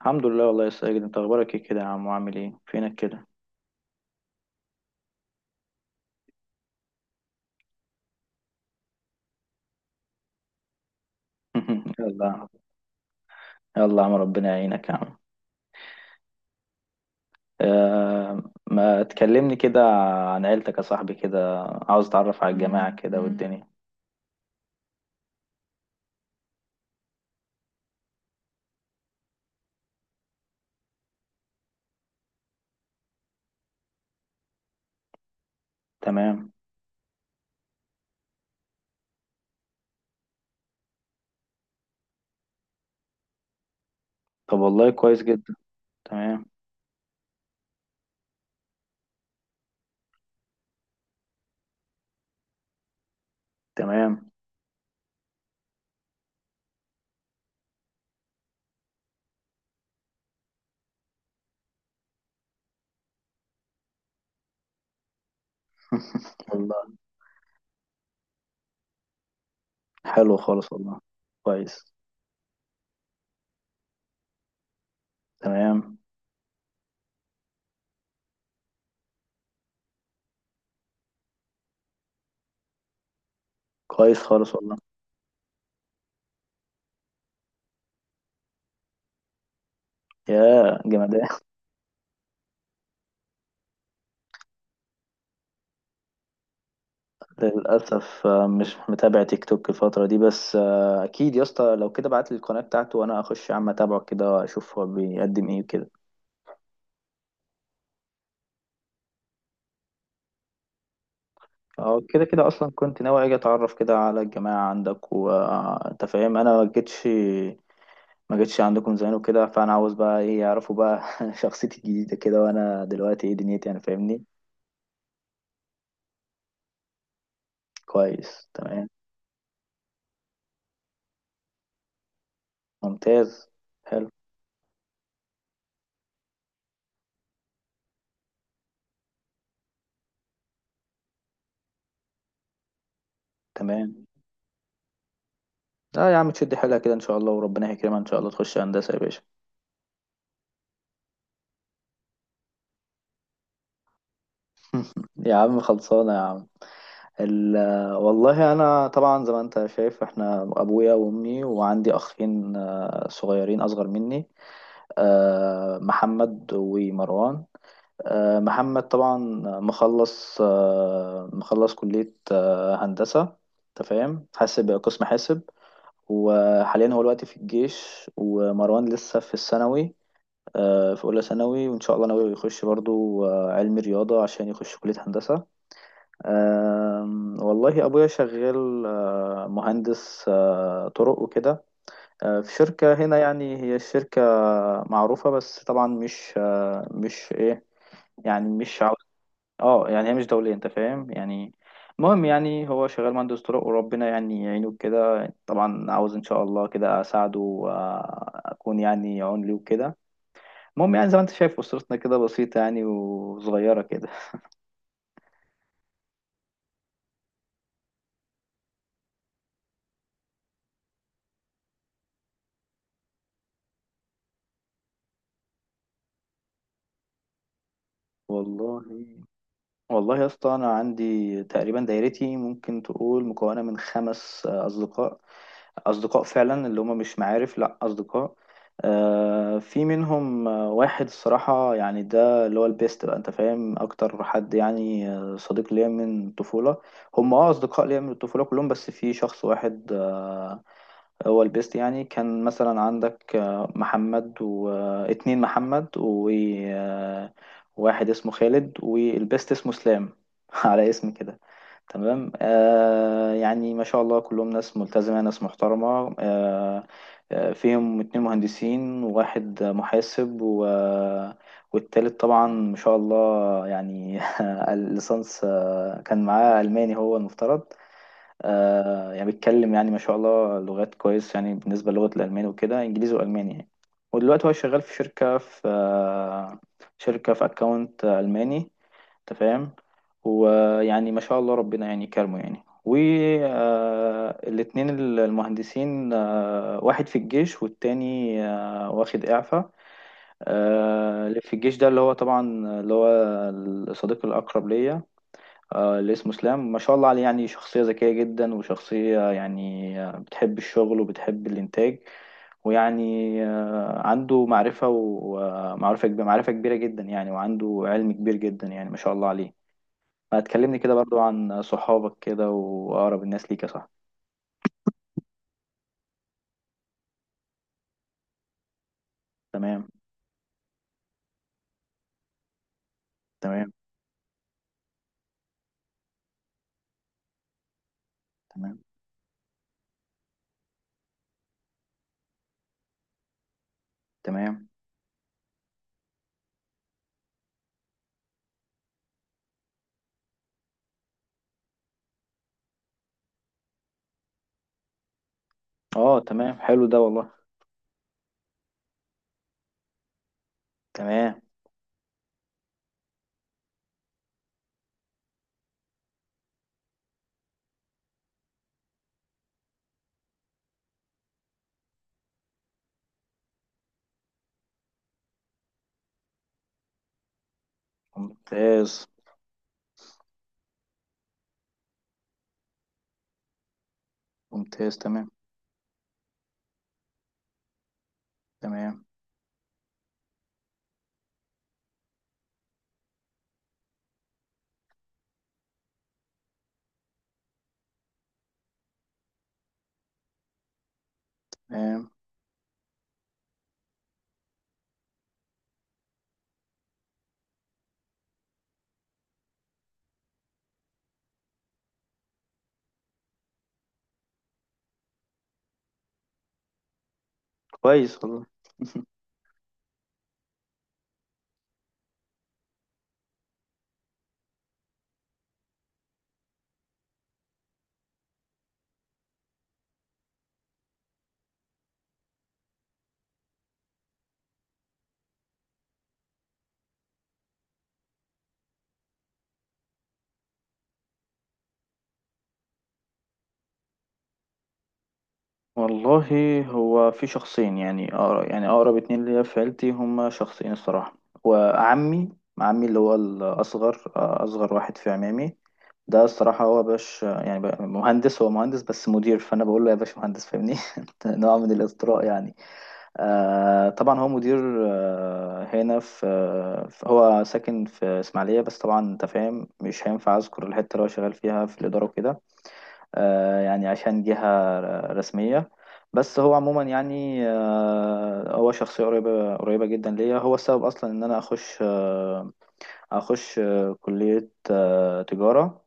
الحمد لله والله يا ساجد، انت اخبارك ايه كده يا عم؟ وعامل ايه فينك كده؟ يلا يا عم. يلا يا عم، ربنا يعينك يا عم. آه. ما تكلمني كده عن عيلتك يا صاحبي كده، عاوز اتعرف على الجماعة كده والدنيا. تمام. طب والله كويس جدا. تمام. تمام. والله. حلو خالص والله. كويس تمام كويس خالص والله يا جمدان للأسف آه، مش متابع تيك توك الفترة دي بس آه، أكيد يا اسطى لو كده بعت لي القناة بتاعته وأنا أخش يا عم أتابعه كده أشوف هو بيقدم إيه وكده أه كده كده أصلا كنت ناوي أجي أتعرف كده على الجماعة عندك وأنت فاهم أنا ما جيتش ما جيتش عندكم زمان وكده فأنا عاوز بقى إيه يعرفوا بقى شخصيتي الجديدة كده وأنا دلوقتي إيه دنيتي يعني فاهمني كويس. تمام. ممتاز. حلو. تمام. لا يا عم، تشد حيلها كده إن شاء الله وربنا يكرمها، إن شاء الله تخش هندسة يا باشا. يا عم خلصانة يا عم. ال... والله انا طبعا زي ما انت شايف، احنا ابويا وامي، وعندي اخين صغيرين اصغر مني، محمد ومروان. محمد طبعا مخلص، مخلص كلية هندسة، انت فاهم، حاسب، قسم حاسب. وحاليا هو دلوقتي في الجيش، ومروان لسه في الثانوي، في اولى ثانوي، وان شاء الله ناوي يخش برضو علمي رياضة عشان يخش كلية هندسة. والله أبويا شغال مهندس طرق وكده، في شركة هنا، يعني هي الشركة معروفة، بس طبعا مش إيه، يعني مش عاو- اه يعني هي مش دولية، أنت فاهم يعني. المهم يعني هو شغال مهندس طرق، وربنا يعني يعينه كده، طبعا عاوز إن شاء الله كده أساعده وأكون يعني عون ليه وكده. المهم يعني زي ما أنت شايف أسرتنا كده بسيطة يعني وصغيرة كده. والله، والله يا اسطى انا عندي تقريبا دايرتي ممكن تقول مكونه من خمس اصدقاء، اصدقاء فعلا اللي هم مش معارف، لا اصدقاء. في منهم واحد، الصراحه يعني ده اللي هو البيست، بقى انت فاهم اكتر حد، يعني صديق ليا من الطفوله. هم، اصدقاء ليا من الطفوله كلهم، بس في شخص واحد هو البيست. يعني كان مثلا عندك محمد، واتنين محمد، وواحد اسمه خالد، والبيست اسمه اسلام. على اسم كده. تمام. يعني ما شاء الله كلهم ناس ملتزمة، ناس محترمة فيهم اتنين مهندسين وواحد محاسب و... آه، والتالت طبعا ما شاء الله يعني الليسانس، كان معاه ألماني هو المفترض. يعني بيتكلم، يعني ما شاء الله لغات كويس، يعني بالنسبة للغة الألماني وكده، إنجليزي وألماني يعني. ودلوقتي هو شغال في شركة في أكاونت ألماني، أنت فاهم. ويعني ما شاء الله ربنا يعني كرمه. يعني والاتنين المهندسين، واحد في الجيش، والتاني واخد إعفاء. اللي في الجيش ده، اللي هو طبعا، اللي هو الصديق الأقرب ليا، اللي اسمه اسلام، ما شاء الله عليه. يعني شخصية ذكية جدا، وشخصية يعني بتحب الشغل وبتحب الإنتاج، ويعني عنده معرفة، ومعرفة كبيرة، معرفة كبيرة جدا يعني، وعنده علم كبير جدا يعني، ما شاء الله عليه. ما تكلمني كده برضو عن صحابك كده، وأقرب الناس ليك يا صاحبي؟ تمام. تمام. تمام. تمام. اه تمام، حلو ده والله. تمام. ممتاز. ممتاز. تمام. تمام. تمام. كويس والله. والله، هو في شخصين، يعني أقرب، يعني أقرب اتنين ليا في عيلتي، هما شخصين الصراحة. وعمي عمي اللي هو الأصغر، أصغر واحد في عمامي، ده الصراحة هو باش. يعني بقى مهندس، هو مهندس بس مدير، فأنا بقول له يا باشا مهندس، فاهمني؟ نوع من الإطراء يعني. طبعا هو مدير، هنا في، هو ساكن في إسماعيلية، بس طبعا أنت فاهم مش هينفع أذكر الحتة اللي هو شغال فيها في الإدارة وكده، يعني عشان جهة رسمية. بس هو عموما يعني هو شخصية قريبة قريبة جدا ليا. هو السبب أصلا إن أنا أخش كلية تجارة.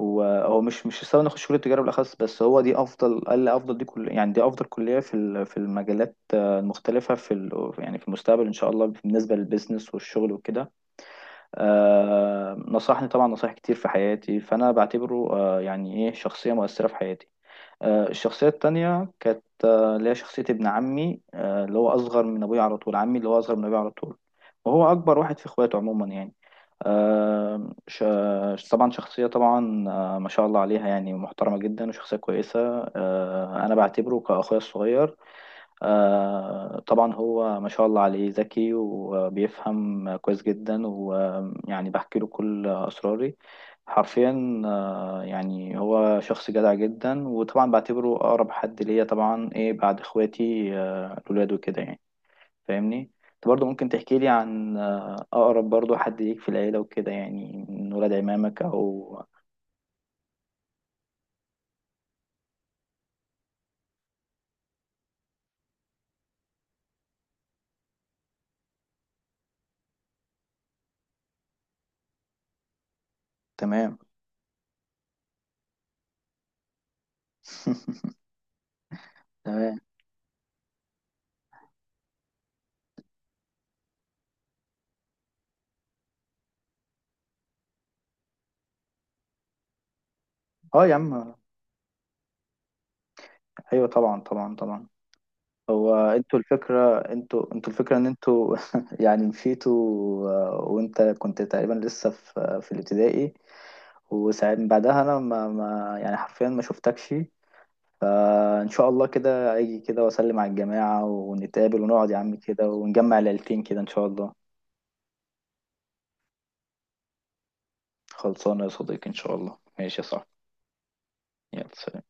هو مش السبب إن أخش كلية تجارة بالأخص، بس هو دي أفضل، قال لي أفضل، دي كل، يعني دي أفضل كلية في في المجالات المختلفة في يعني في المستقبل إن شاء الله، بالنسبة للبيزنس والشغل وكده. نصحني طبعا نصايح كتير في حياتي، فأنا بعتبره يعني إيه، شخصية مؤثرة في حياتي. الشخصية التانية كانت اللي هي شخصية ابن عمي، اللي هو أصغر من أبويا على طول، عمي اللي هو أصغر من أبويا على طول، وهو أكبر واحد في إخواته عموما يعني. طبعا شخصية، طبعا ما شاء الله عليها، يعني محترمة جدا وشخصية كويسة. أنا بعتبره كأخويا الصغير. طبعا هو ما شاء الله عليه، ذكي وبيفهم كويس جدا، ويعني بحكي له كل أسراري حرفيا. يعني هو شخص جدع جدا، وطبعا بعتبره أقرب حد ليا طبعا، إيه، بعد إخواتي الولاد وكده يعني، فاهمني. أنت برضه ممكن تحكي لي عن أقرب برضه حد ليك في العيلة وكده، يعني من ولاد عمامك أو. تمام. تمام. اه يا عم. ايوه طبعا، طبعا طبعا. هو انتوا الفكرة، انتوا الفكرة ان انتوا، يعني مشيتوا. وانت كنت تقريبا لسه في الابتدائي، وساعات من بعدها انا ما يعني حرفيا ما شفتكش. فان شاء الله كده اجي كده واسلم على الجماعة، ونتقابل ونقعد يا عم كده، ونجمع العيلتين كده ان شاء الله. خلصانة يا صديقي، ان شاء الله، ماشي يا صاحبي. يلا سلام.